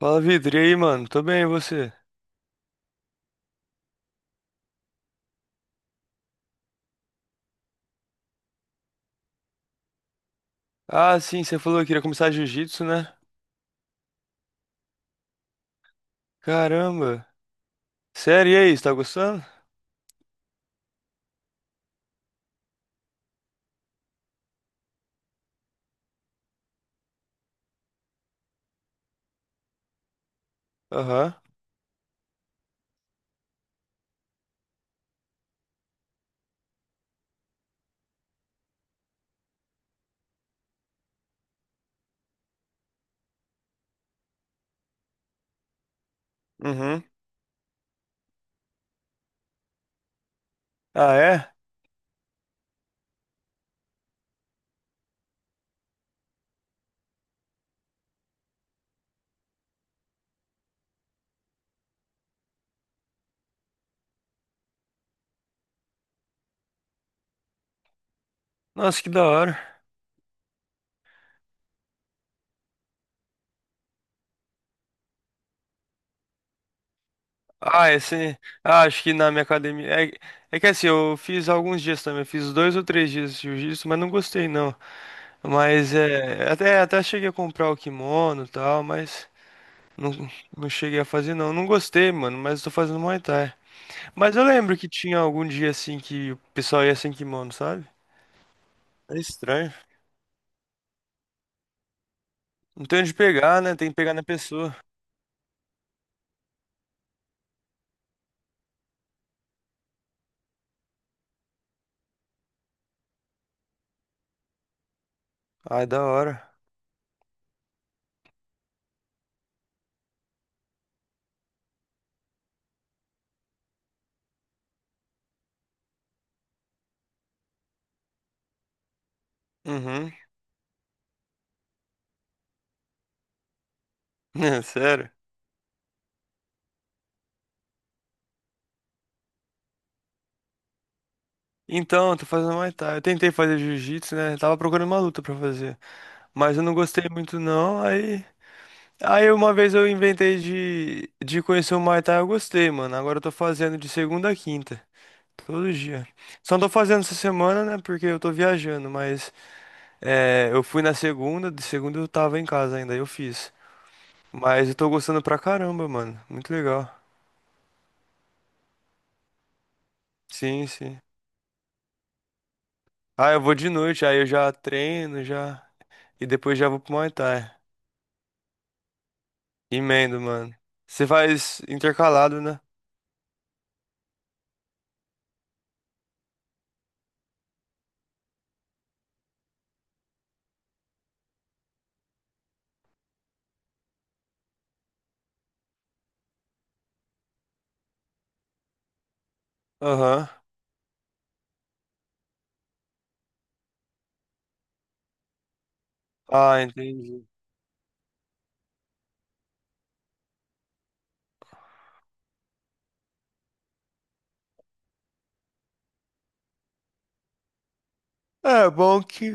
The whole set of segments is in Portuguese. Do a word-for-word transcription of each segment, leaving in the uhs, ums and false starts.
Fala, Vitor. E aí, mano? Tô bem, e você? Ah, sim, você falou que queria começar jiu-jitsu, né? Caramba. Sério, e aí, você tá gostando? Aham. Uhum. Ah, é? Nossa, que da hora. Ah, é sim, ah, acho que na minha academia... É... é que assim, eu fiz alguns dias também. Eu fiz dois ou três dias de jiu-jitsu, mas não gostei, não. Mas, é... Até, até cheguei a comprar o kimono e tal, mas... Não, não cheguei a fazer, não. Não gostei, mano, mas tô fazendo Muay Thai. Mas eu lembro que tinha algum dia, assim, que o pessoal ia sem kimono, sabe? É estranho. Não tem onde pegar, né? Tem que pegar na pessoa. Ah, da hora. Uhum. É, sério. Então, eu tô fazendo Muay Thai. Eu tentei fazer jiu-jitsu, né? Tava procurando uma luta pra fazer. Mas eu não gostei muito, não. Aí. Aí uma vez eu inventei de, de conhecer o Muay Thai, eu gostei, mano. Agora eu tô fazendo de segunda a quinta. Todo dia. Só não tô fazendo essa semana, né? Porque eu tô viajando, mas é, eu fui na segunda, de segunda eu tava em casa ainda, aí eu fiz. Mas eu tô gostando pra caramba, mano. Muito legal. Sim, sim. Ah, eu vou de noite, aí eu já treino, já. E depois já vou pro Muay Thai. Emendo, mano. Você faz intercalado, né? Aham. Ah, entendi. É bom que.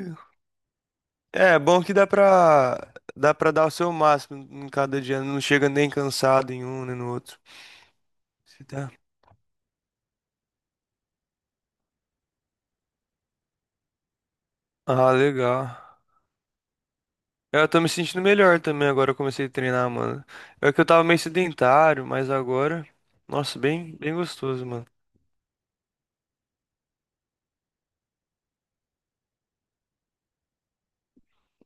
É bom que dá pra. Dá pra dar o seu máximo em cada dia. Não chega nem cansado em um nem no outro. Você tá. Ah, legal. É, eu tô me sentindo melhor também agora. Eu comecei a treinar, mano. É que eu tava meio sedentário, mas agora. Nossa, bem, bem gostoso, mano.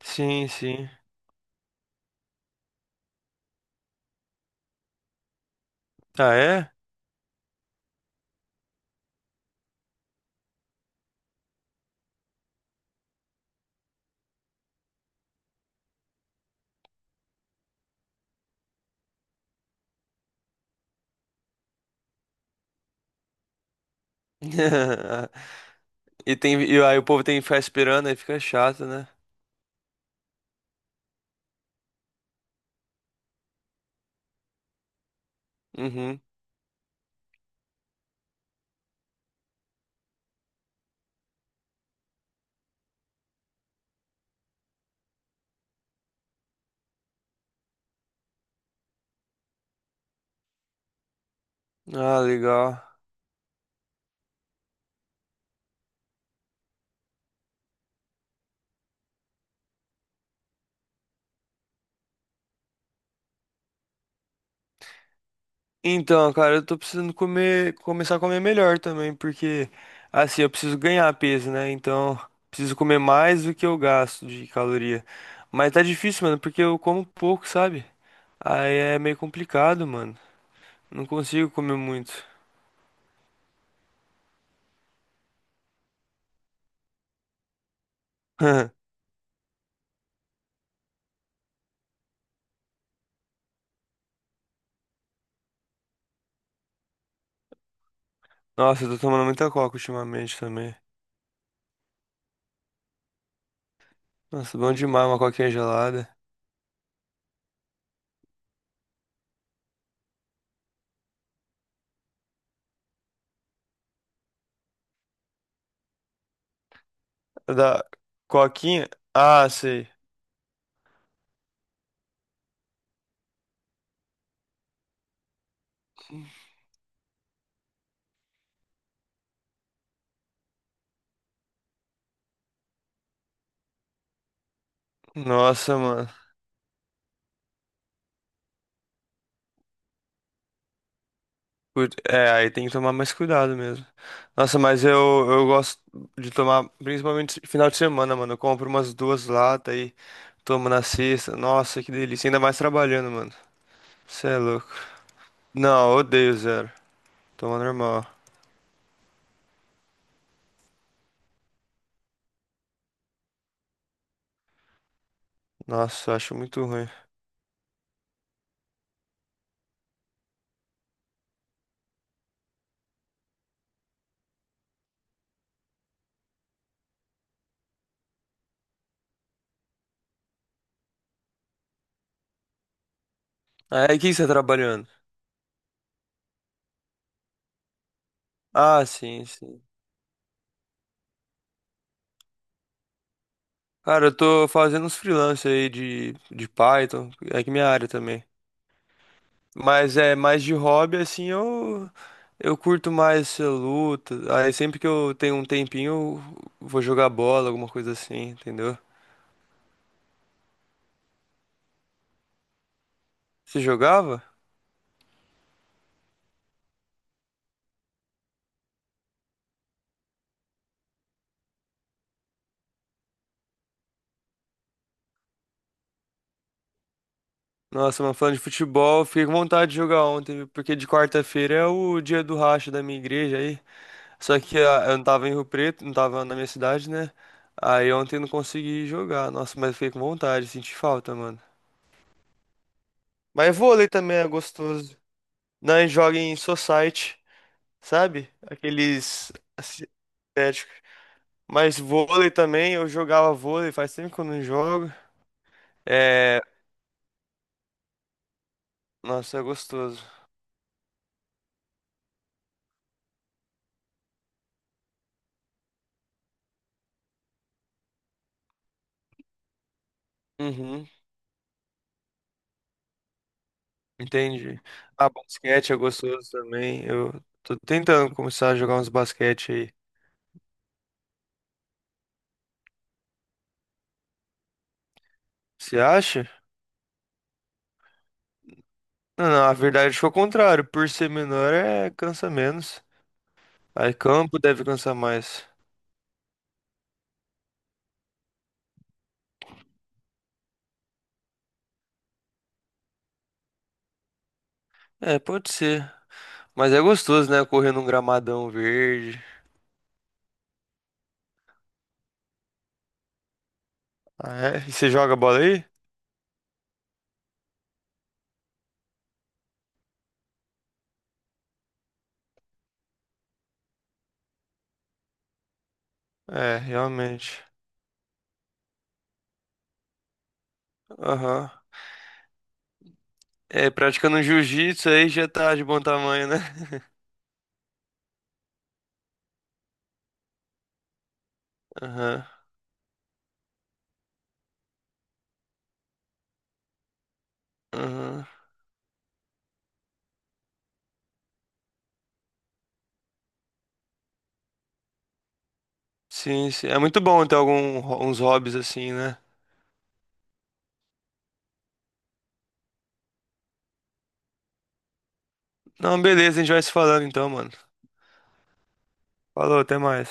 Sim, sim. Ah, é? E tem, e aí o povo tem que ficar esperando, aí fica chato, né? Uhum. Ah, legal. Então, cara, eu tô precisando comer, começar a comer melhor também, porque assim, eu preciso ganhar peso, né? Então, preciso comer mais do que eu gasto de caloria. Mas tá difícil, mano, porque eu como pouco, sabe? Aí é meio complicado, mano. Não consigo comer muito. Nossa, eu tô tomando muita coca ultimamente também. Nossa, bom demais uma coquinha gelada. Da coquinha? Ah, sei. Nossa, mano. Put- É, aí tem que tomar mais cuidado mesmo. Nossa, mas eu, eu gosto de tomar, principalmente final de semana, mano. Eu compro umas duas latas e tomo na sexta. Nossa, que delícia. Ainda mais trabalhando, mano. Você é louco. Não, eu odeio zero. Toma normal. Nossa, eu acho muito ruim. Aí, o que você tá trabalhando? Ah, sim, sim. Cara, eu tô fazendo uns freelance aí de, de Python. É que minha área também. Mas é mais de hobby, assim, eu, eu curto mais eh, luta. Aí sempre que eu tenho um tempinho, eu vou jogar bola, alguma coisa assim, entendeu? Você jogava? Nossa, mano, falando de futebol, fiquei com vontade de jogar ontem, viu? Porque de quarta-feira é o dia do racha da minha igreja aí. Só que ah, eu não tava em Rio Preto, não tava na minha cidade, né? Aí ontem eu não consegui jogar. Nossa, mas fiquei com vontade, senti falta, mano. Mas vôlei também é gostoso. Não, a gente joga em society. Sabe? Aqueles asiáticos. Mas vôlei também, eu jogava vôlei, faz tempo que eu não jogo. É, nossa, é gostoso. Uhum, entendi. Ah, basquete é gostoso também. Eu tô tentando começar a jogar uns basquete aí. Você acha? Não, não, a verdade foi o contrário. Por ser menor, é cansa menos. Aí campo deve cansar mais. É, pode ser. Mas é gostoso, né? Correr num gramadão verde. Ah, é? E você joga bola aí? É, realmente. Aham. É, praticando um jiu-jitsu aí já tá de bom tamanho, né? Aham. Aham. Sim, sim. É muito bom ter alguns hobbies assim, né? Não, beleza, a gente vai se falando então, mano. Falou, até mais.